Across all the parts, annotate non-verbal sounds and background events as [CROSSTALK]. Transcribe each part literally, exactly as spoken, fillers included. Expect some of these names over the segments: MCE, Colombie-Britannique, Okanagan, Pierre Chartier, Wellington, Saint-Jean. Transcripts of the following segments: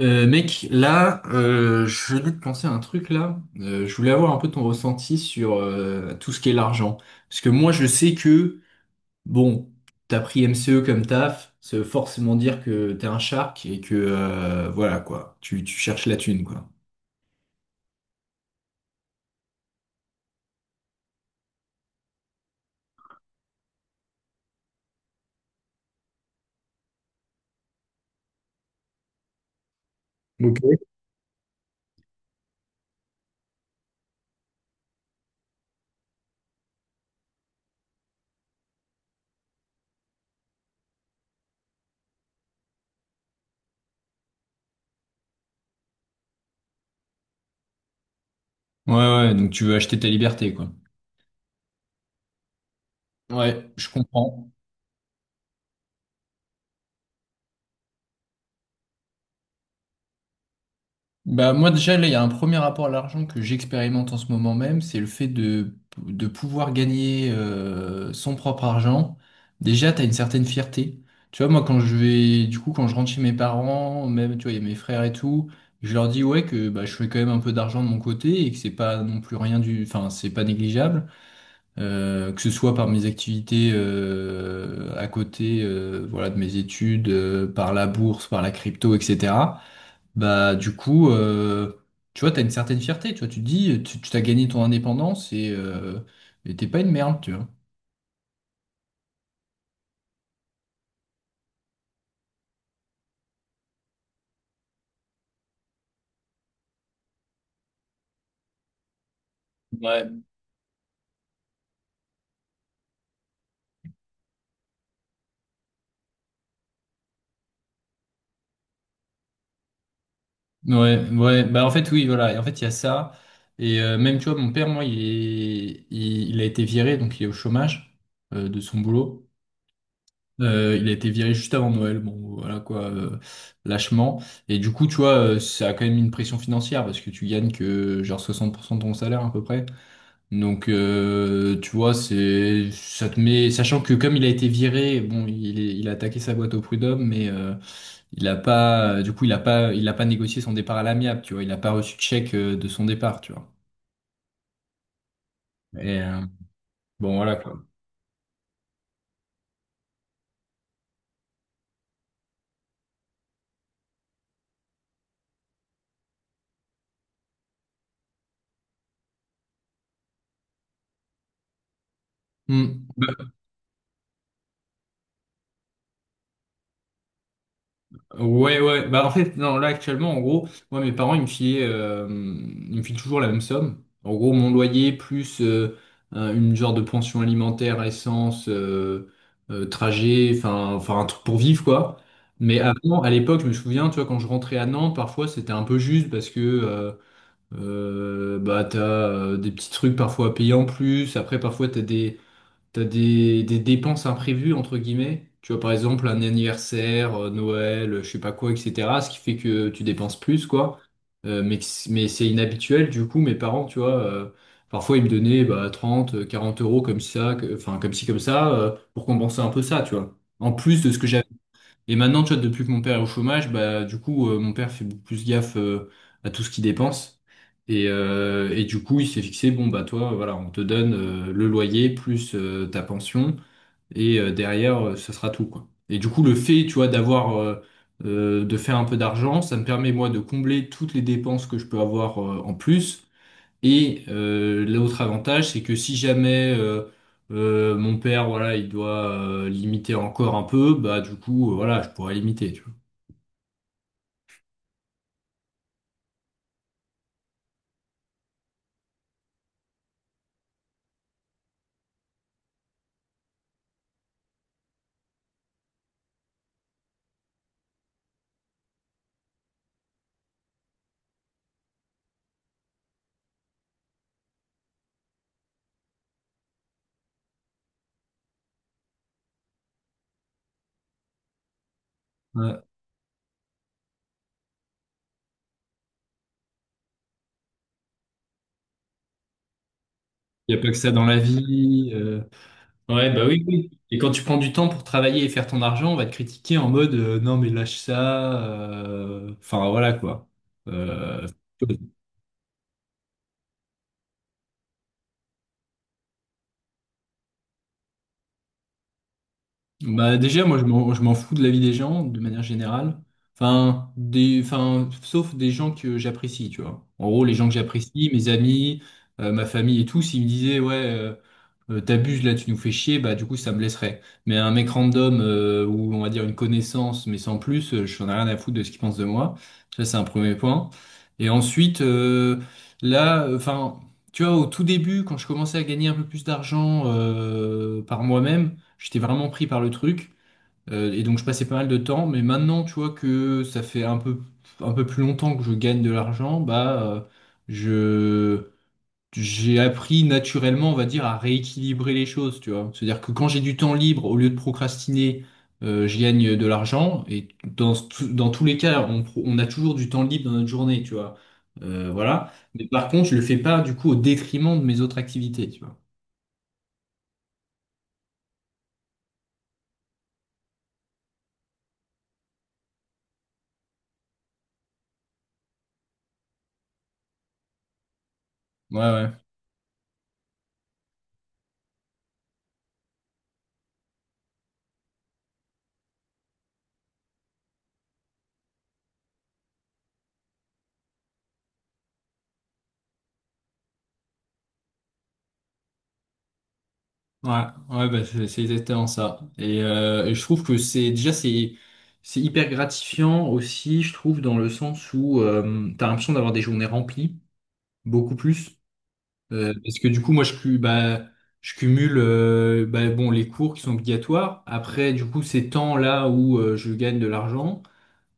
Euh, mec, là, euh, je venais de penser à un truc là. Euh, je voulais avoir un peu ton ressenti sur euh, tout ce qui est l'argent. Parce que moi, je sais que, bon, t'as pris M C E comme taf, ça veut forcément dire que t'es un shark et que, euh, voilà, quoi, tu, tu cherches la thune, quoi. Ok. Ouais, ouais, donc tu veux acheter ta liberté, quoi. Ouais, je comprends. Bah, moi déjà, là, il y a un premier rapport à l'argent que j'expérimente en ce moment même, c'est le fait de, de pouvoir gagner euh, son propre argent. Déjà, tu as une certaine fierté. Tu vois, moi, quand je vais, du coup, quand je rentre chez mes parents, même, tu vois, il y a mes frères et tout, je leur dis, ouais, que bah, je fais quand même un peu d'argent de mon côté et que c'est pas non plus rien du, enfin, c'est pas négligeable. Euh, que ce soit par mes activités euh, à côté, euh, voilà, de mes études, euh, par la bourse, par la crypto, et cetera. Bah, du coup, euh, tu vois, t'as une certaine fierté, tu vois, tu te dis, tu tu t'as gagné ton indépendance et euh, et t'es pas une merde, tu vois. Ouais. Ouais, ouais, bah en fait oui, voilà, et en fait il y a ça, et euh, même tu vois, mon père, moi, il est, il, il a été viré, donc il est au chômage euh, de son boulot. Euh, il a été viré juste avant Noël, bon, voilà quoi, euh, lâchement, et du coup, tu vois, euh, ça a quand même une pression financière, parce que tu gagnes que genre soixante pour cent de ton salaire à peu près. Donc, euh, tu vois, c'est, ça te met, sachant que comme il a été viré, bon, il, est- il a attaqué sa boîte au prud'homme, mais euh, il a pas, du coup, il a pas, il a pas négocié son départ à l'amiable, tu vois, il a pas reçu de chèque euh, de son départ, tu vois. Et euh, bon, voilà quoi. Hmm. Ouais, ouais. Bah, en fait, non, là, actuellement, en gros, moi, mes parents, ils me filaient, euh, ils me filent toujours la même somme. En gros, mon loyer plus euh, un- une genre de pension alimentaire, essence, euh, euh, trajet, enfin, enfin, un truc pour vivre, quoi. Mais, Ouais. avant, à l'époque, je me souviens, tu vois, quand je rentrais à Nantes, parfois, c'était un peu juste parce que, euh, euh, bah, t'as euh, des petits trucs parfois à payer en plus. Après, parfois, t'as des T'as des, des dépenses imprévues, entre guillemets. Tu vois, par exemple, un anniversaire, euh, Noël, euh, je sais pas quoi, et cetera. Ce qui fait que tu dépenses plus, quoi. Euh, mais que c- mais c'est inhabituel, du coup, mes parents, tu vois, euh, parfois ils me donnaient bah, trente, euh, quarante euros comme ça, que- enfin, comme ci, comme ça, euh, pour compenser un peu ça, tu vois. En plus de ce que j'avais et maintenant, tu vois, depuis que mon père est au chômage, bah du coup, euh, mon père fait beaucoup plus gaffe euh, à tout ce qu'il dépense. Et, euh, et du coup, il s'est fixé, bon bah toi, voilà, on te donne euh, le loyer plus euh, ta pension, et euh, derrière, euh, ce sera tout, quoi. Et du coup, le fait, tu vois, d'avoir euh, euh, de faire un peu d'argent, ça me permet moi de combler toutes les dépenses que je peux avoir euh, en plus. Et euh, l'autre avantage, c'est que si jamais euh, euh, mon père, voilà, il doit euh, limiter encore un peu, bah du coup, euh, voilà, je pourrais limiter, tu vois. Il n'y a pas que ça dans la vie. euh. Ouais, bah oui, oui. Et quand tu prends du temps pour travailler et faire ton argent, on va te critiquer en mode euh, non mais lâche ça. euh. Enfin voilà quoi. Euh, Bah déjà, moi je m'en je m'en fous de la vie des gens de manière générale. Enfin, des, enfin, sauf des gens que j'apprécie, tu vois. En gros, les gens que j'apprécie, mes amis, euh, ma famille et tout, s'ils me disaient, ouais, euh, euh, t'abuses là, tu nous fais chier, bah du coup ça me blesserait. Mais un mec random euh, ou on va dire une connaissance, mais sans plus, euh, je n'en ai rien à foutre de ce qu'il pense de moi. Ça c'est un premier point. Et ensuite, euh, là, enfin, tu vois, au tout début, quand je commençais à gagner un peu plus d'argent euh, par moi-même. J'étais vraiment pris par le truc. euh, et donc je passais pas mal de temps. Mais maintenant, tu vois que ça fait un peu, un peu plus longtemps que je gagne de l'argent, bah euh, je j'ai appris naturellement, on va dire, à rééquilibrer les choses, tu vois. C'est-à-dire que quand j'ai du temps libre, au lieu de procrastiner, euh, je gagne de l'argent. Et dans, ce- dans tous les cas, on, pro- on a toujours du temps libre dans notre journée, tu vois. Euh, voilà. Mais par contre, je le fais pas du coup au détriment de mes autres activités, tu vois. Ouais, ouais. Ouais, ouais, bah, c'est c'est exactement ça. Et, euh, et je trouve que c'est déjà c'est c'est hyper gratifiant aussi, je trouve, dans le sens où euh, t'as l'impression d'avoir des journées remplies, beaucoup plus. Euh, parce que du coup, moi, je, cu- bah, je cumule euh, bah, bon, les cours qui sont obligatoires. Après, du coup, ces temps-là où euh, je gagne de l'argent.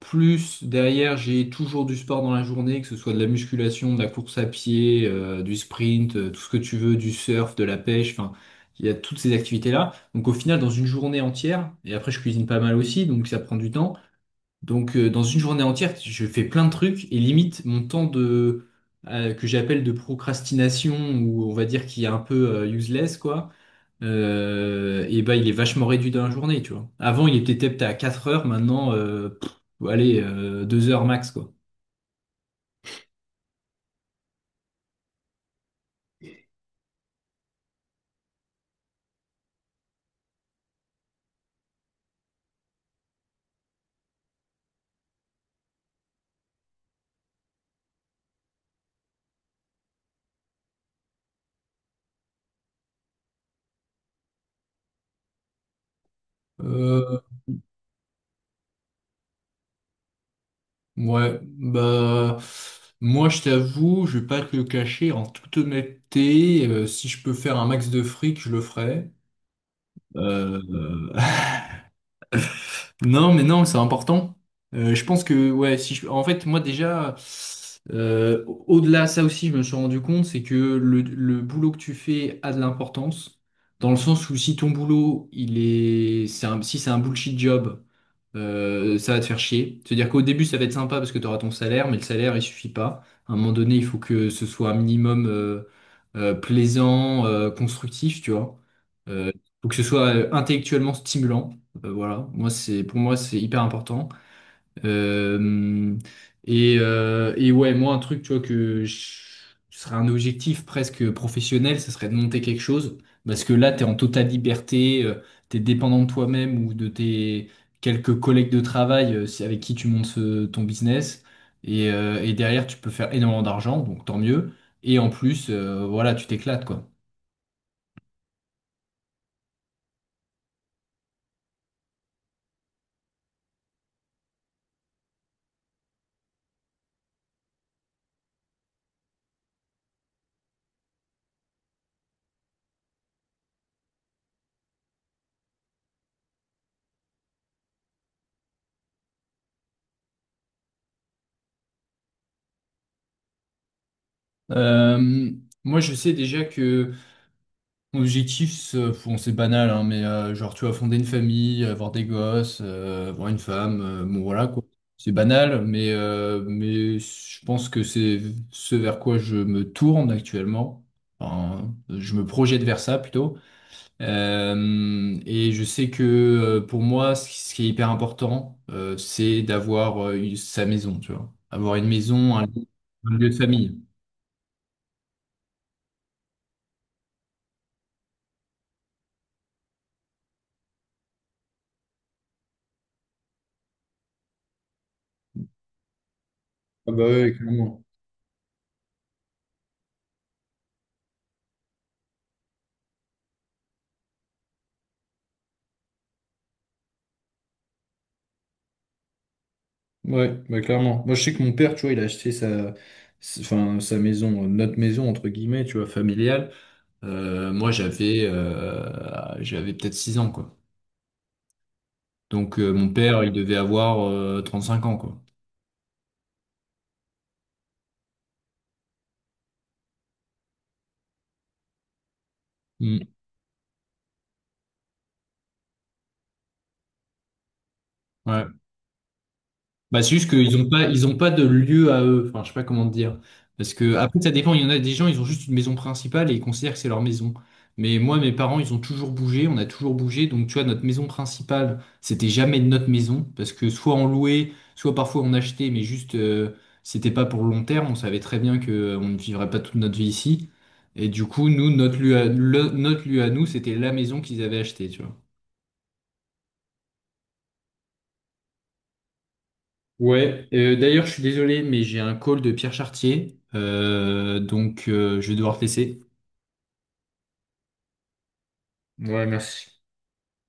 Plus derrière, j'ai toujours du sport dans la journée, que ce soit de la musculation, de la course à pied, euh, du sprint, euh, tout ce que tu veux, du surf, de la pêche, enfin, il y a toutes ces activités-là. Donc au final, dans une journée entière, et après je cuisine pas mal aussi, donc ça prend du temps. Donc euh, dans une journée entière, je fais plein de trucs et limite mon temps de euh, que j'appelle de procrastination ou on va dire qui est un peu euh, useless quoi euh, et bah il est vachement réduit dans la journée, tu vois. Avant, il était peut-être à quatre heures, maintenant, euh, pff, allez, euh, deux heures max, quoi. Euh, ouais, bah, moi je t'avoue, je vais pas te le cacher, en toute honnêteté, euh, si je peux faire un max de fric, je le ferai. Euh, [LAUGHS] Non, mais non, c'est important. Euh, je pense que, ouais, si je- en fait, moi déjà, euh, au- au-delà de ça aussi, je me suis rendu compte, c'est que le, le boulot que tu fais a de l'importance, dans le sens où si ton boulot, il est, c'est un- si c'est un bullshit job, euh, ça va te faire chier. C'est-à-dire qu'au début, ça va être sympa parce que tu auras ton salaire, mais le salaire, il suffit pas. À un moment donné, il faut que ce soit un minimum euh, euh, plaisant, euh, constructif, tu vois. Euh, faut que ce soit euh, intellectuellement stimulant. Euh, voilà. Moi, c'est, pour moi, c'est hyper important. Euh, et, euh, et ouais, moi, un truc, tu vois, que je- ce serait un objectif presque professionnel, ce serait de monter quelque chose, parce que là, t'es en totale liberté, euh, t'es dépendant de toi-même ou de tes quelques collègues de travail euh, si- avec qui tu montes ce- ton business, et, euh, et derrière, tu peux faire énormément d'argent, donc tant mieux, et en plus, euh, voilà, tu t'éclates, quoi. Euh, moi, je sais déjà que... Mon objectif, c'est euh, bon, c'est banal, hein, mais euh, genre, tu vois, fonder une famille, avoir des gosses, euh, avoir une femme, euh, bon, voilà, quoi. C'est banal, mais, euh, mais je pense que c'est ce vers quoi je me tourne actuellement. Enfin, je me projette vers ça plutôt. Euh, et je sais que euh, pour moi, ce qui ce qui est hyper important, euh, c'est d'avoir euh, une- sa maison, tu vois. Avoir une maison, un, lieu un lieu de famille. Ah bah ouais, clairement. Ouais, bah clairement. Moi, je sais que mon père, tu vois, il a acheté sa, sa- enfin, sa maison, euh, notre maison, entre guillemets, tu vois, familiale. Euh, moi, j'avais euh, j'avais peut-être six ans, quoi. Donc, euh, mon père, il devait avoir euh, cinq ans, quoi. Mm. Ouais. Bah, c'est juste qu'ils n'ont pas, ils ont pas de lieu à eux. Enfin, je sais pas comment te dire. Parce que, après, ça dépend. Il y en a des gens, ils ont juste une maison principale et ils considèrent que c'est leur maison. Mais moi, mes parents, ils ont toujours bougé. On a toujours bougé. Donc, tu vois, notre maison principale, c'était jamais notre maison. Parce que soit on louait, soit parfois on achetait, mais juste, euh, c'était pas pour le long terme. On savait très bien que, euh, on ne vivrait pas toute notre vie ici. Et du coup, nous, notre lieu à, le- notre lieu à nous, c'était la maison qu'ils avaient achetée, tu vois. Ouais, euh, d'ailleurs, je suis désolé, mais j'ai un call de Pierre Chartier, euh, donc euh, je vais devoir te laisser. Ouais, merci.